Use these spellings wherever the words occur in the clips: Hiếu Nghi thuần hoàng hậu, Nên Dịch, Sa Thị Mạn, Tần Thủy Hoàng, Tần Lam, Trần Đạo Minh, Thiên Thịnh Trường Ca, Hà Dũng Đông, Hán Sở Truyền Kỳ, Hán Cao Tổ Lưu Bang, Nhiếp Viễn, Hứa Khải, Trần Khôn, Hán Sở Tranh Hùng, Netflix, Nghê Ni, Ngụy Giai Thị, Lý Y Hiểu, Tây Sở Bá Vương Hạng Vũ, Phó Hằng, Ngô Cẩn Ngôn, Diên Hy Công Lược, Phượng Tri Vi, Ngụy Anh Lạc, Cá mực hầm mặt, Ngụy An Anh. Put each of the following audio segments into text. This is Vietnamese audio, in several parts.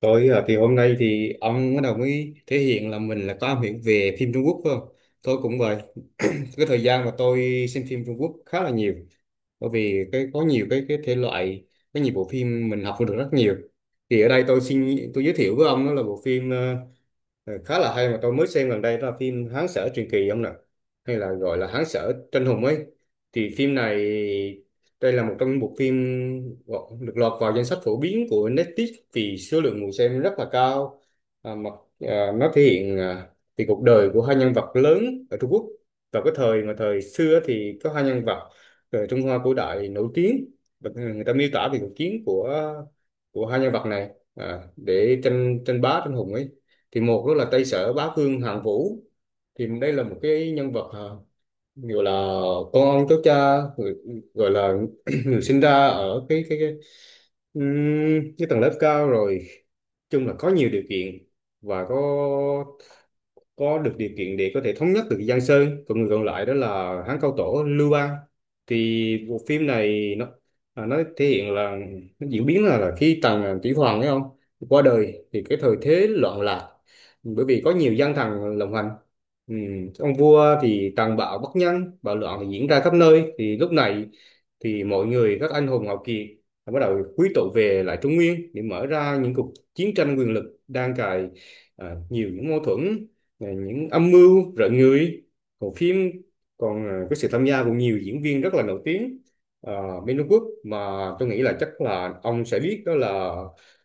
Tôi ở thì hôm nay thì ông bắt đầu mới thể hiện là mình là có am hiểu về phim Trung Quốc phải không? Tôi cũng vậy. Cái thời gian mà tôi xem phim Trung Quốc khá là nhiều. Bởi vì có nhiều cái thể loại, có nhiều bộ phim mình học được rất nhiều. Thì ở đây tôi xin giới thiệu với ông đó là bộ phim khá là hay mà tôi mới xem gần đây, đó là phim Hán Sở Truyền Kỳ ông nè, hay là gọi là Hán Sở Tranh Hùng ấy. Thì phim này, đây là một trong những bộ phim được lọt vào danh sách phổ biến của Netflix vì số lượng người xem rất là cao. À, mà à, nó thể hiện à, thì cuộc đời của hai nhân vật lớn ở Trung Quốc vào cái thời mà thời xưa, thì có hai nhân vật ở Trung Hoa cổ đại nổi tiếng. Và người ta miêu tả về cuộc chiến của hai nhân vật này để tranh tranh bá tranh hùng ấy. Thì một đó là Tây Sở Bá Vương Hạng Vũ, thì đây là một cái nhân vật, à, gọi là con ông cháu cha, người, gọi là người sinh ra ở cái tầng lớp cao, rồi chung là có nhiều điều kiện, và có được điều kiện để có thể thống nhất được Giang Sơn. Còn người còn lại đó là Hán Cao Tổ Lưu Bang. Thì bộ phim này nó, nó thể hiện là, nó diễn biến là khi Tần Thủy Hoàng ấy không qua đời thì cái thời thế loạn lạc, bởi vì có nhiều gian thần lộng hành, ừ. Ông vua thì tàn bạo bất nhân, bạo loạn thì diễn ra khắp nơi. Thì lúc này thì mọi người, các anh hùng hào kiệt đã bắt đầu quy tụ về lại Trung Nguyên để mở ra những cuộc chiến tranh quyền lực đang cài, nhiều những mâu thuẫn này, những âm mưu rợn người. Còn phim còn, có sự tham gia của nhiều diễn viên rất là nổi tiếng uh, bên Trung Quốc, mà tôi nghĩ là chắc là ông sẽ biết, đó là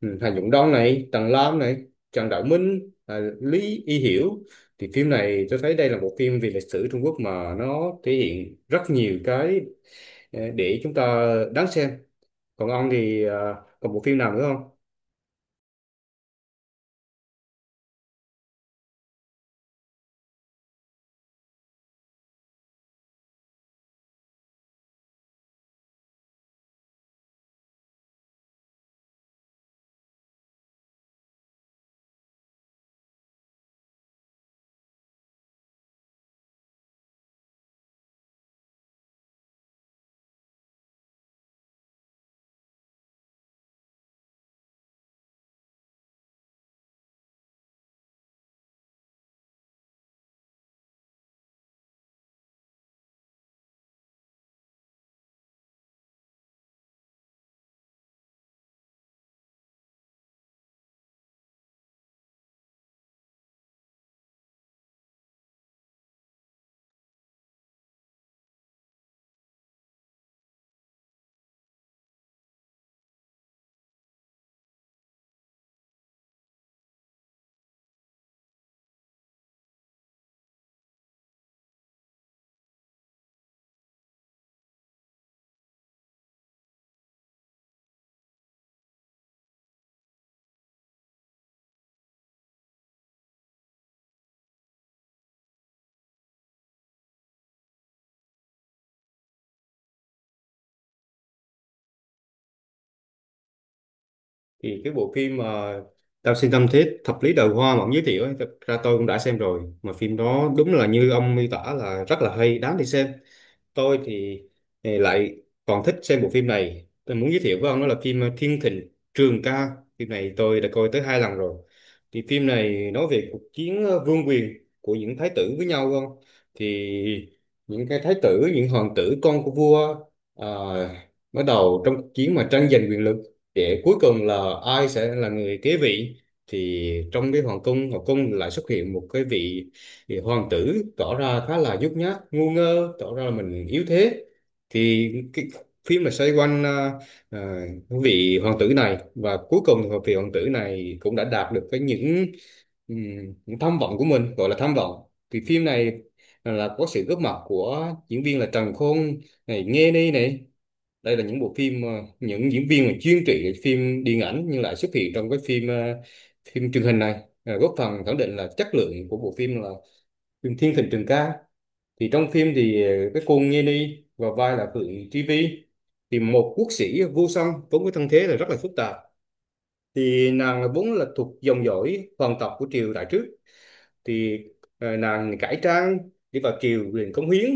Hà Dũng Đông này, Tần Lam này, Trần Đạo Minh, Lý Y Hiểu. Thì phim này tôi thấy đây là một phim về lịch sử Trung Quốc mà nó thể hiện rất nhiều cái, để chúng ta đáng xem. Còn ông thì còn bộ phim nào nữa không? Thì cái bộ phim mà Tao Xin Tâm Thiết Thập Lý Đời Hoa mà ông giới thiệu ấy, thật ra tôi cũng đã xem rồi, mà phim đó đúng là như ông miêu tả là rất là hay, đáng để xem. Tôi thì lại còn thích xem bộ phim này, tôi muốn giới thiệu với ông đó là phim Thiên Thịnh Trường Ca. Phim này tôi đã coi tới hai lần rồi. Thì phim này nói về cuộc chiến vương quyền của những thái tử với nhau không. Thì những cái thái tử, những hoàng tử con của vua ờ, bắt đầu trong cuộc chiến mà tranh giành quyền lực, để cuối cùng là ai sẽ là người kế vị. Thì trong cái hoàng cung lại xuất hiện một cái vị, thì hoàng tử tỏ ra khá là nhút nhát ngu ngơ, tỏ ra là mình yếu thế. Thì cái phim là xoay quanh à, vị hoàng tử này, và cuối cùng thì vị hoàng tử này cũng đã đạt được cái những tham vọng của mình, gọi là tham vọng. Thì phim này là có sự góp mặt của diễn viên là Trần Khôn này, Nghê Ni này. Đây là những bộ phim, những diễn viên mà chuyên trị phim điện ảnh nhưng lại xuất hiện trong cái phim, phim truyền hình này, góp phần khẳng định là chất lượng của bộ phim là Trường Thiên Thịnh Trường Ca. Thì trong phim thì cái cô Nghê Ni vào vai là Phượng Tri Vi, thì một quốc sĩ vô song vốn có thân thế là rất là phức tạp. Thì nàng là vốn là thuộc dòng dõi hoàng tộc của triều đại trước. Thì nàng cải trang đi vào triều liền cống hiến,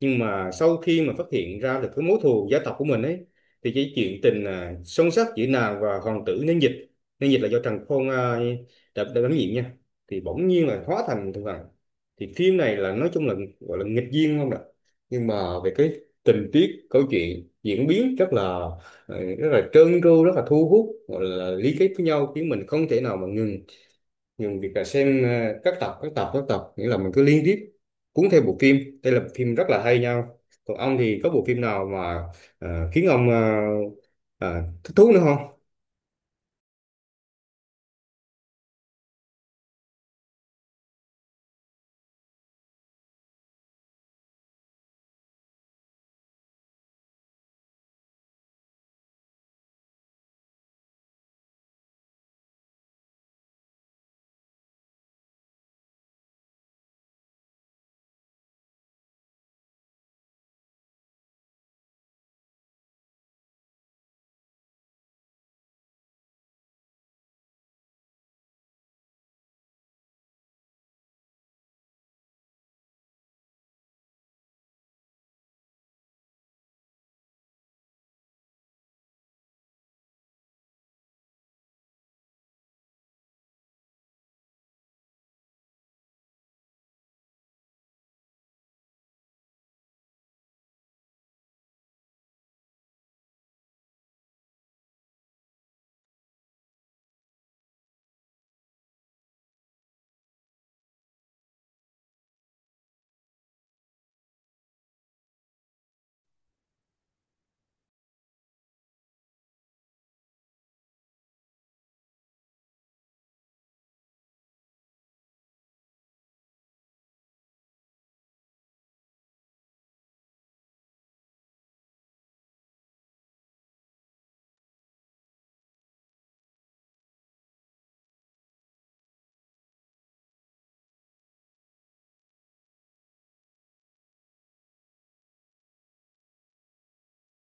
nhưng mà sau khi mà phát hiện ra được cái mối thù gia tộc của mình ấy, thì cái chuyện tình, sâu sắc giữa nàng và hoàng tử Nên Dịch. Nên Dịch là do Trần Khôn đã đảm nhiệm nha, thì bỗng nhiên là hóa thành thượng hoàng. Thì phim này là nói chung là gọi là nghịch duyên không ạ. Nhưng mà về cái tình tiết câu chuyện diễn biến rất là, rất là trơn tru, rất là thu hút, gọi là lý kết với nhau, khiến mình không thể nào mà ngừng, nhưng việc là xem các tập, các tập, nghĩa là mình cứ liên tiếp cuốn theo bộ phim. Đây là bộ phim rất là hay nhau. Còn ông thì có bộ phim nào mà khiến ông ờ, thích thú nữa không?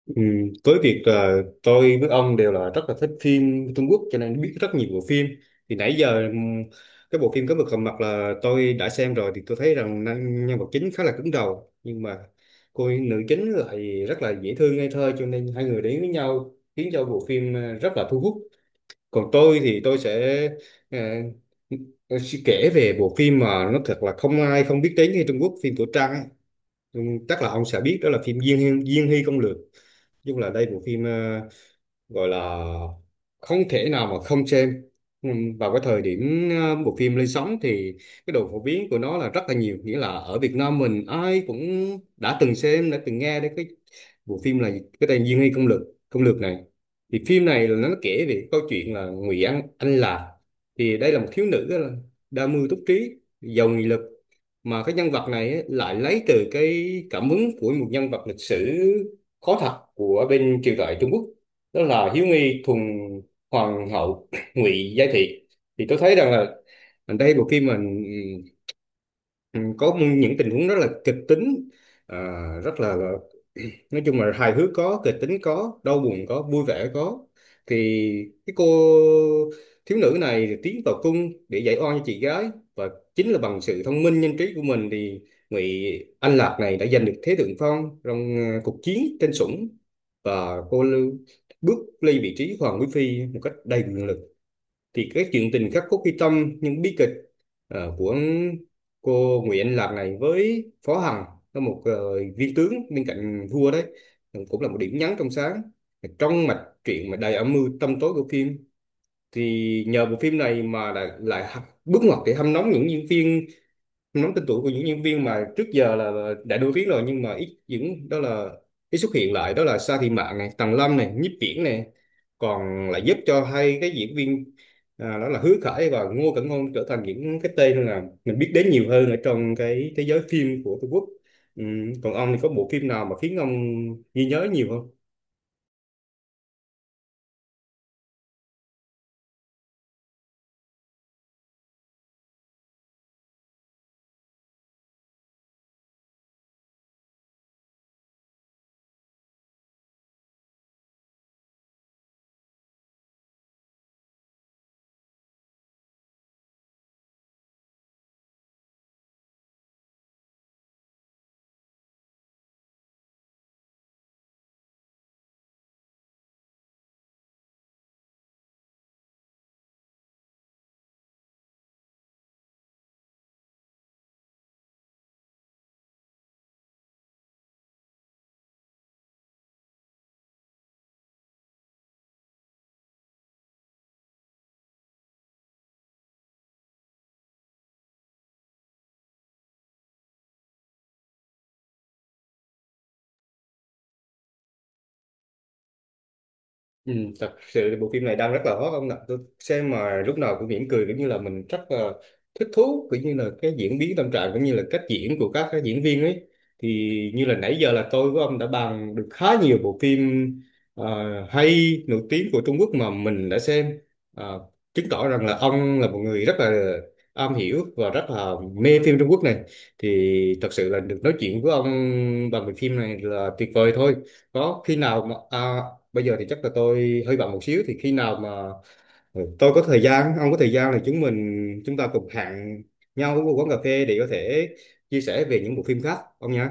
Ừ, với việc là tôi với ông đều là rất là thích phim Trung Quốc cho nên biết rất nhiều bộ phim. Thì nãy giờ cái bộ phim Cá Mực Hầm Mặt là tôi đã xem rồi, thì tôi thấy rằng nhân nhân vật chính khá là cứng đầu, nhưng mà cô nữ chính lại rất là dễ thương ngây thơ, cho nên hai người đến với nhau khiến cho bộ phim rất là thu hút. Còn tôi thì tôi sẽ ờ, sẽ kể về bộ phim mà nó thật là không ai không biết đến ở Trung Quốc, phim cổ trang ấy. Ừ, chắc là ông sẽ biết đó là phim Diên Diên Hy Công Lược. Nói chung là đây bộ phim gọi là không thể nào mà không xem. Vào cái thời điểm bộ phim lên sóng thì cái độ phổ biến của nó là rất là nhiều, nghĩa là ở Việt Nam mình ai cũng đã từng xem, đã từng nghe đến cái bộ phim là cái tên Diên Hy Công Lược, Công Lược này. Thì phim này là nó kể về câu chuyện là Ngụy An Anh là, thì đây là một thiếu nữ là đa mưu túc trí, giàu nghị lực. Mà cái nhân vật này ấy, lại lấy từ cái cảm hứng của một nhân vật lịch sử có thật của bên triều đại Trung Quốc, đó là Hiếu Nghi Thuần Hoàng Hậu Ngụy Giai Thị. Thì tôi thấy rằng là ở đây bộ phim mình có những tình huống rất là kịch tính, à, rất là, nói chung là hài hước có, kịch tính có, đau buồn có, vui vẻ có. Thì cái cô thiếu nữ này thì tiến vào cung để giải oan cho chị gái, và chính là bằng sự thông minh nhanh trí của mình thì Ngụy Anh Lạc này đã giành được thế thượng phong trong cuộc chiến trên Sủng, và bước lên vị trí hoàng quý phi một cách đầy quyền lực. Thì cái chuyện tình khắc cốt ghi tâm, những bi kịch của cô Nguyễn Lạc này với Phó Hằng là một viên tướng bên cạnh vua đấy, cũng là một điểm nhấn trong sáng trong mạch truyện mà đầy âm mưu tâm tối của phim. Thì nhờ bộ phim này mà lại bước ngoặt để hâm nóng những diễn viên, nắm tên tuổi của những nhân viên mà trước giờ là đã đưa viết rồi nhưng mà ít, những đó là ít xuất hiện lại, đó là Sa Thị Mạn này, Tần Lâm này, Nhiếp Viễn này. Còn lại giúp cho hai cái diễn viên, đó là Hứa Khải và Ngô Cẩn Ngôn trở thành những cái tên là mình biết đến nhiều hơn ở trong cái thế giới phim của Trung Quốc. Còn ông thì có bộ phim nào mà khiến ông ghi nhớ nhiều không? Ừ, thật sự thì bộ phim này đang rất là hot ông ạ, tôi xem mà lúc nào cũng mỉm cười, cũng như là mình rất là thích thú, cũng như là cái diễn biến tâm trạng cũng như là cách diễn của các cái diễn viên ấy. Thì như là nãy giờ là tôi với ông đã bàn được khá nhiều bộ phim ờ, hay nổi tiếng của Trung Quốc mà mình đã xem. Ờ, chứng tỏ rằng là ông là một người rất là am hiểu và rất là mê phim Trung Quốc này. Thì thật sự là được nói chuyện với ông bằng bộ phim này là tuyệt vời thôi. Có khi nào mà bây giờ thì chắc là tôi hơi bận một xíu, thì khi nào mà ừ, tôi có thời gian, ông có thời gian, thì chúng ta cùng hẹn nhau ở một quán cà phê để có thể chia sẻ về những bộ phim khác, ông nhé.